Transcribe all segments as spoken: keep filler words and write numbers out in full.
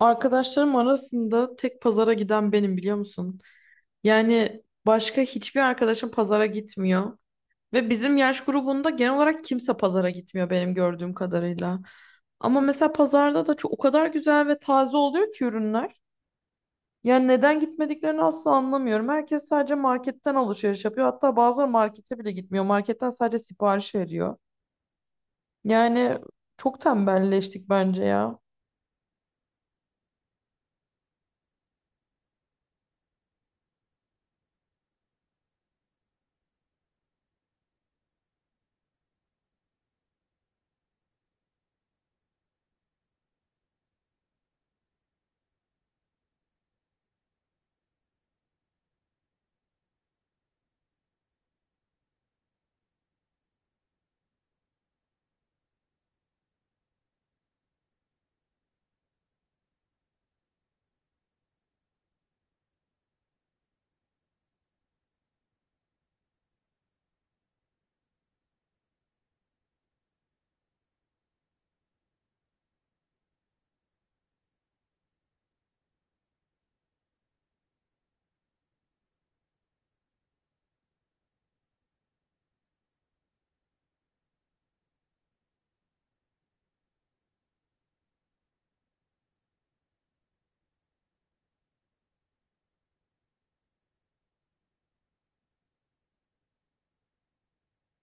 Arkadaşlarım arasında tek pazara giden benim, biliyor musun? Yani başka hiçbir arkadaşım pazara gitmiyor. Ve bizim yaş grubunda genel olarak kimse pazara gitmiyor benim gördüğüm kadarıyla. Ama mesela pazarda da çok, o kadar güzel ve taze oluyor ki ürünler. Yani neden gitmediklerini asla anlamıyorum. Herkes sadece marketten alışveriş yapıyor. Hatta bazıları markete bile gitmiyor. Marketten sadece sipariş veriyor. Yani Çok tembelleştik bence ya.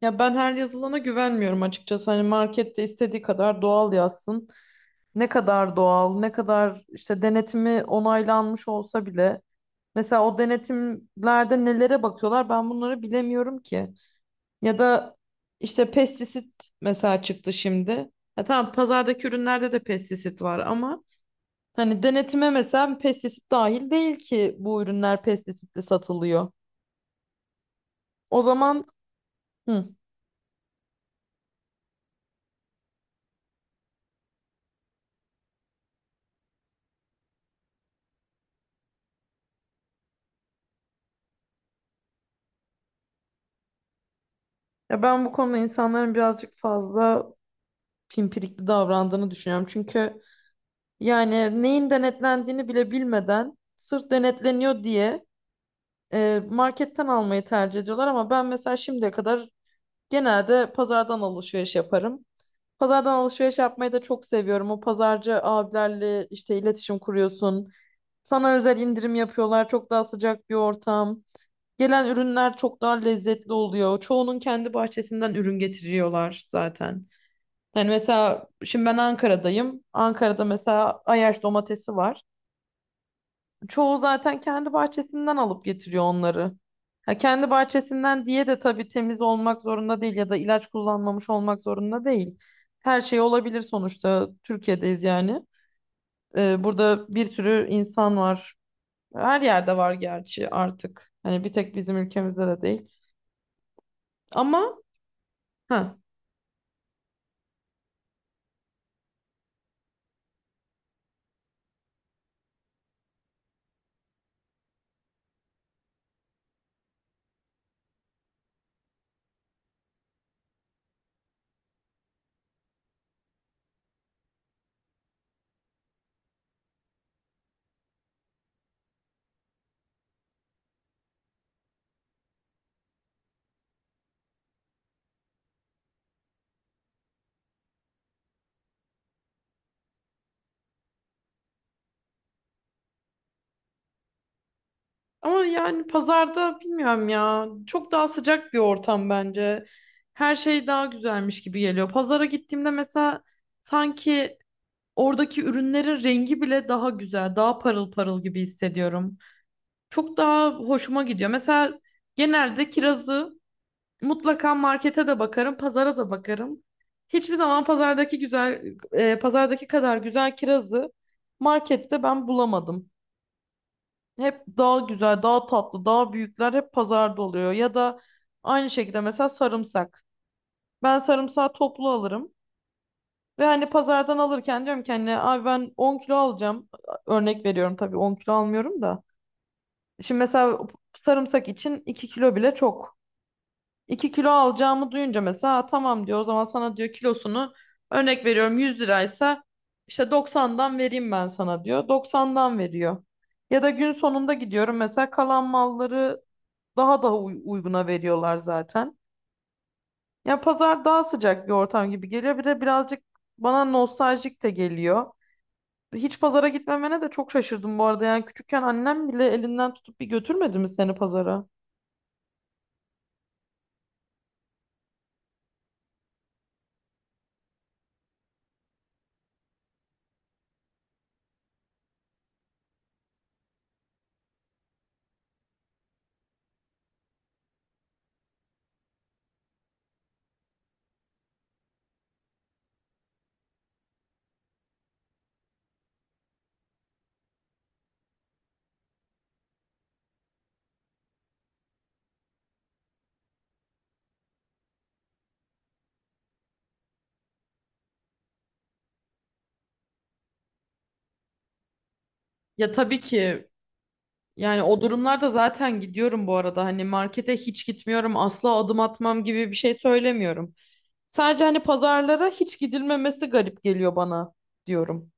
Ya ben her yazılana güvenmiyorum açıkçası. Hani markette istediği kadar doğal yazsın. Ne kadar doğal, ne kadar işte denetimi onaylanmış olsa bile. Mesela o denetimlerde nelere bakıyorlar ben bunları bilemiyorum ki. Ya da işte pestisit mesela çıktı şimdi. Ya tamam, pazardaki ürünlerde de pestisit var ama hani denetime mesela pestisit dahil değil ki, bu ürünler pestisitli satılıyor. O zaman hı. Ya ben bu konuda insanların birazcık fazla pimpirikli davrandığını düşünüyorum. Çünkü yani neyin denetlendiğini bile bilmeden sırf denetleniyor diye e, marketten almayı tercih ediyorlar. Ama ben mesela şimdiye kadar genelde pazardan alışveriş yaparım. Pazardan alışveriş yapmayı da çok seviyorum. O pazarcı abilerle işte iletişim kuruyorsun. Sana özel indirim yapıyorlar. Çok daha sıcak bir ortam. Gelen ürünler çok daha lezzetli oluyor. Çoğunun kendi bahçesinden ürün getiriyorlar zaten. Yani mesela şimdi ben Ankara'dayım. Ankara'da mesela Ayaş domatesi var. Çoğu zaten kendi bahçesinden alıp getiriyor onları. Ha, kendi bahçesinden diye de tabii temiz olmak zorunda değil ya da ilaç kullanmamış olmak zorunda değil. Her şey olabilir sonuçta. Türkiye'deyiz yani. Ee, burada bir sürü insan var. Her yerde var gerçi artık. Hani bir tek bizim ülkemizde de değil. Ama ha Ama yani pazarda bilmiyorum ya. Çok daha sıcak bir ortam bence. Her şey daha güzelmiş gibi geliyor. Pazara gittiğimde mesela sanki oradaki ürünlerin rengi bile daha güzel, daha parıl parıl gibi hissediyorum. Çok daha hoşuma gidiyor. Mesela genelde kirazı mutlaka markete de bakarım, pazara da bakarım. Hiçbir zaman pazardaki güzel, e, pazardaki kadar güzel kirazı markette ben bulamadım. Hep daha güzel, daha tatlı, daha büyükler hep pazarda oluyor. Ya da aynı şekilde mesela sarımsak. Ben sarımsağı toplu alırım. Ve hani pazardan alırken diyorum ki hani abi ben on kilo alacağım. Örnek veriyorum tabii, on kilo almıyorum da. Şimdi mesela sarımsak için iki kilo bile çok. iki kilo alacağımı duyunca mesela "Aa, tamam" diyor, "o zaman sana" diyor "kilosunu", örnek veriyorum, yüz liraysa "işte doksandan vereyim ben sana" diyor. doksandan veriyor. Ya da gün sonunda gidiyorum mesela, kalan malları daha da uy- uyguna veriyorlar zaten. Ya pazar daha sıcak bir ortam gibi geliyor. Bir de birazcık bana nostaljik de geliyor. Hiç pazara gitmemene de çok şaşırdım bu arada. Yani küçükken annem bile elinden tutup bir götürmedi mi seni pazara? Ya tabii ki. Yani o durumlarda zaten gidiyorum bu arada. Hani markete hiç gitmiyorum, asla adım atmam gibi bir şey söylemiyorum. Sadece hani pazarlara hiç gidilmemesi garip geliyor bana diyorum.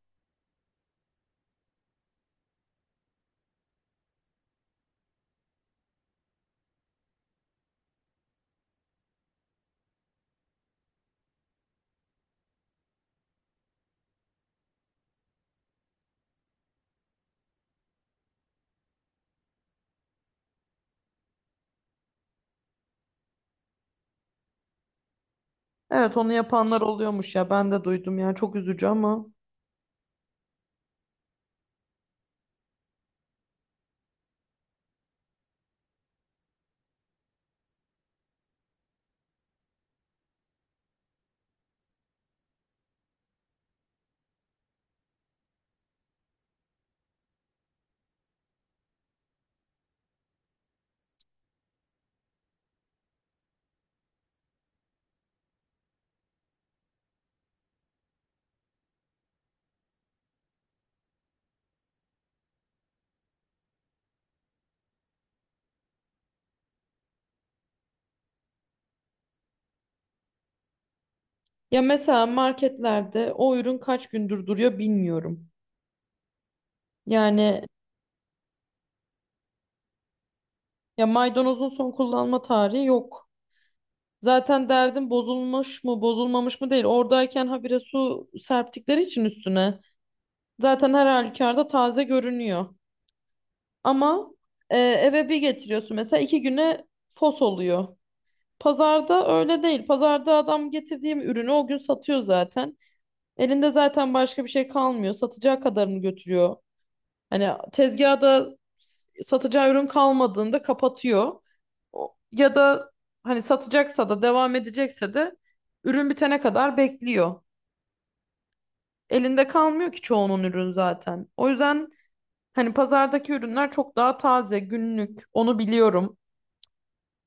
Evet, onu yapanlar oluyormuş ya, ben de duydum ya, çok üzücü ama. Ya mesela marketlerde o ürün kaç gündür duruyor bilmiyorum. Yani Ya maydanozun son kullanma tarihi yok. Zaten derdim bozulmuş mu bozulmamış mı değil. Oradayken habire su serptikleri için üstüne. Zaten her halükarda taze görünüyor. Ama e, eve bir getiriyorsun mesela, iki güne fos oluyor. Pazarda öyle değil. Pazarda adam getirdiğim ürünü o gün satıyor zaten. Elinde zaten başka bir şey kalmıyor. Satacağı kadarını götürüyor. Hani tezgahda satacağı ürün kalmadığında kapatıyor. O- Ya da hani satacaksa da, devam edecekse de ürün bitene kadar bekliyor. Elinde kalmıyor ki çoğunun ürün zaten. O yüzden hani pazardaki ürünler çok daha taze, günlük. Onu biliyorum.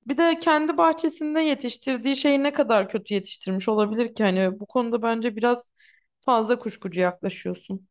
Bir de kendi bahçesinde yetiştirdiği şeyi ne kadar kötü yetiştirmiş olabilir ki? Hani bu konuda bence biraz fazla kuşkucu yaklaşıyorsun.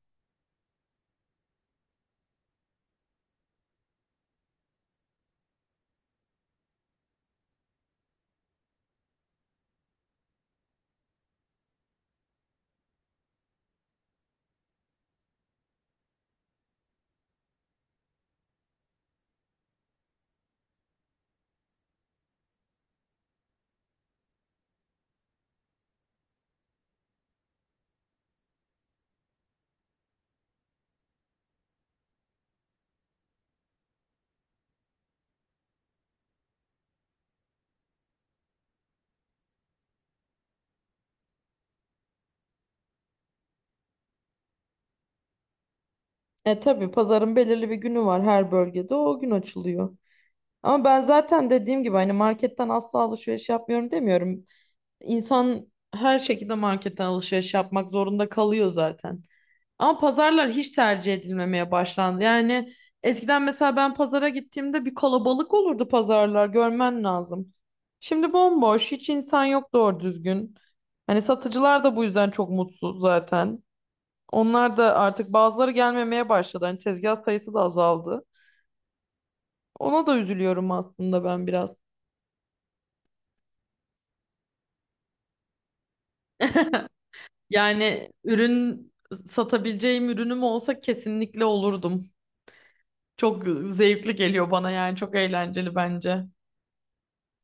E tabii, pazarın belirli bir günü var her bölgede. O gün açılıyor. Ama ben zaten dediğim gibi hani marketten asla alışveriş yapmıyorum demiyorum. İnsan her şekilde marketten alışveriş yapmak zorunda kalıyor zaten. Ama pazarlar hiç tercih edilmemeye başlandı. Yani eskiden mesela ben pazara gittiğimde bir kalabalık olurdu, pazarlar görmen lazım. Şimdi bomboş, hiç insan yok doğru düzgün. Hani satıcılar da bu yüzden çok mutsuz zaten. Onlar da artık, bazıları gelmemeye başladı. Hani tezgah sayısı da azaldı. Ona da üzülüyorum aslında ben biraz. Yani ürün satabileceğim ürünüm olsa kesinlikle olurdum. Çok zevkli geliyor bana, yani çok eğlenceli bence.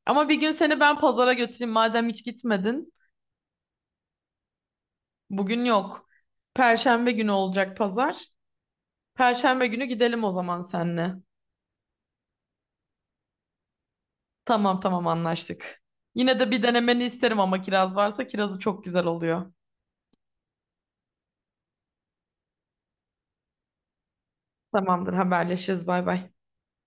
Ama bir gün seni ben pazara götüreyim madem hiç gitmedin. Bugün yok. Perşembe günü olacak pazar. Perşembe günü gidelim o zaman seninle. Tamam tamam, anlaştık. Yine de bir denemeni isterim ama, kiraz varsa kirazı çok güzel oluyor. Tamamdır, haberleşiriz, bay bay.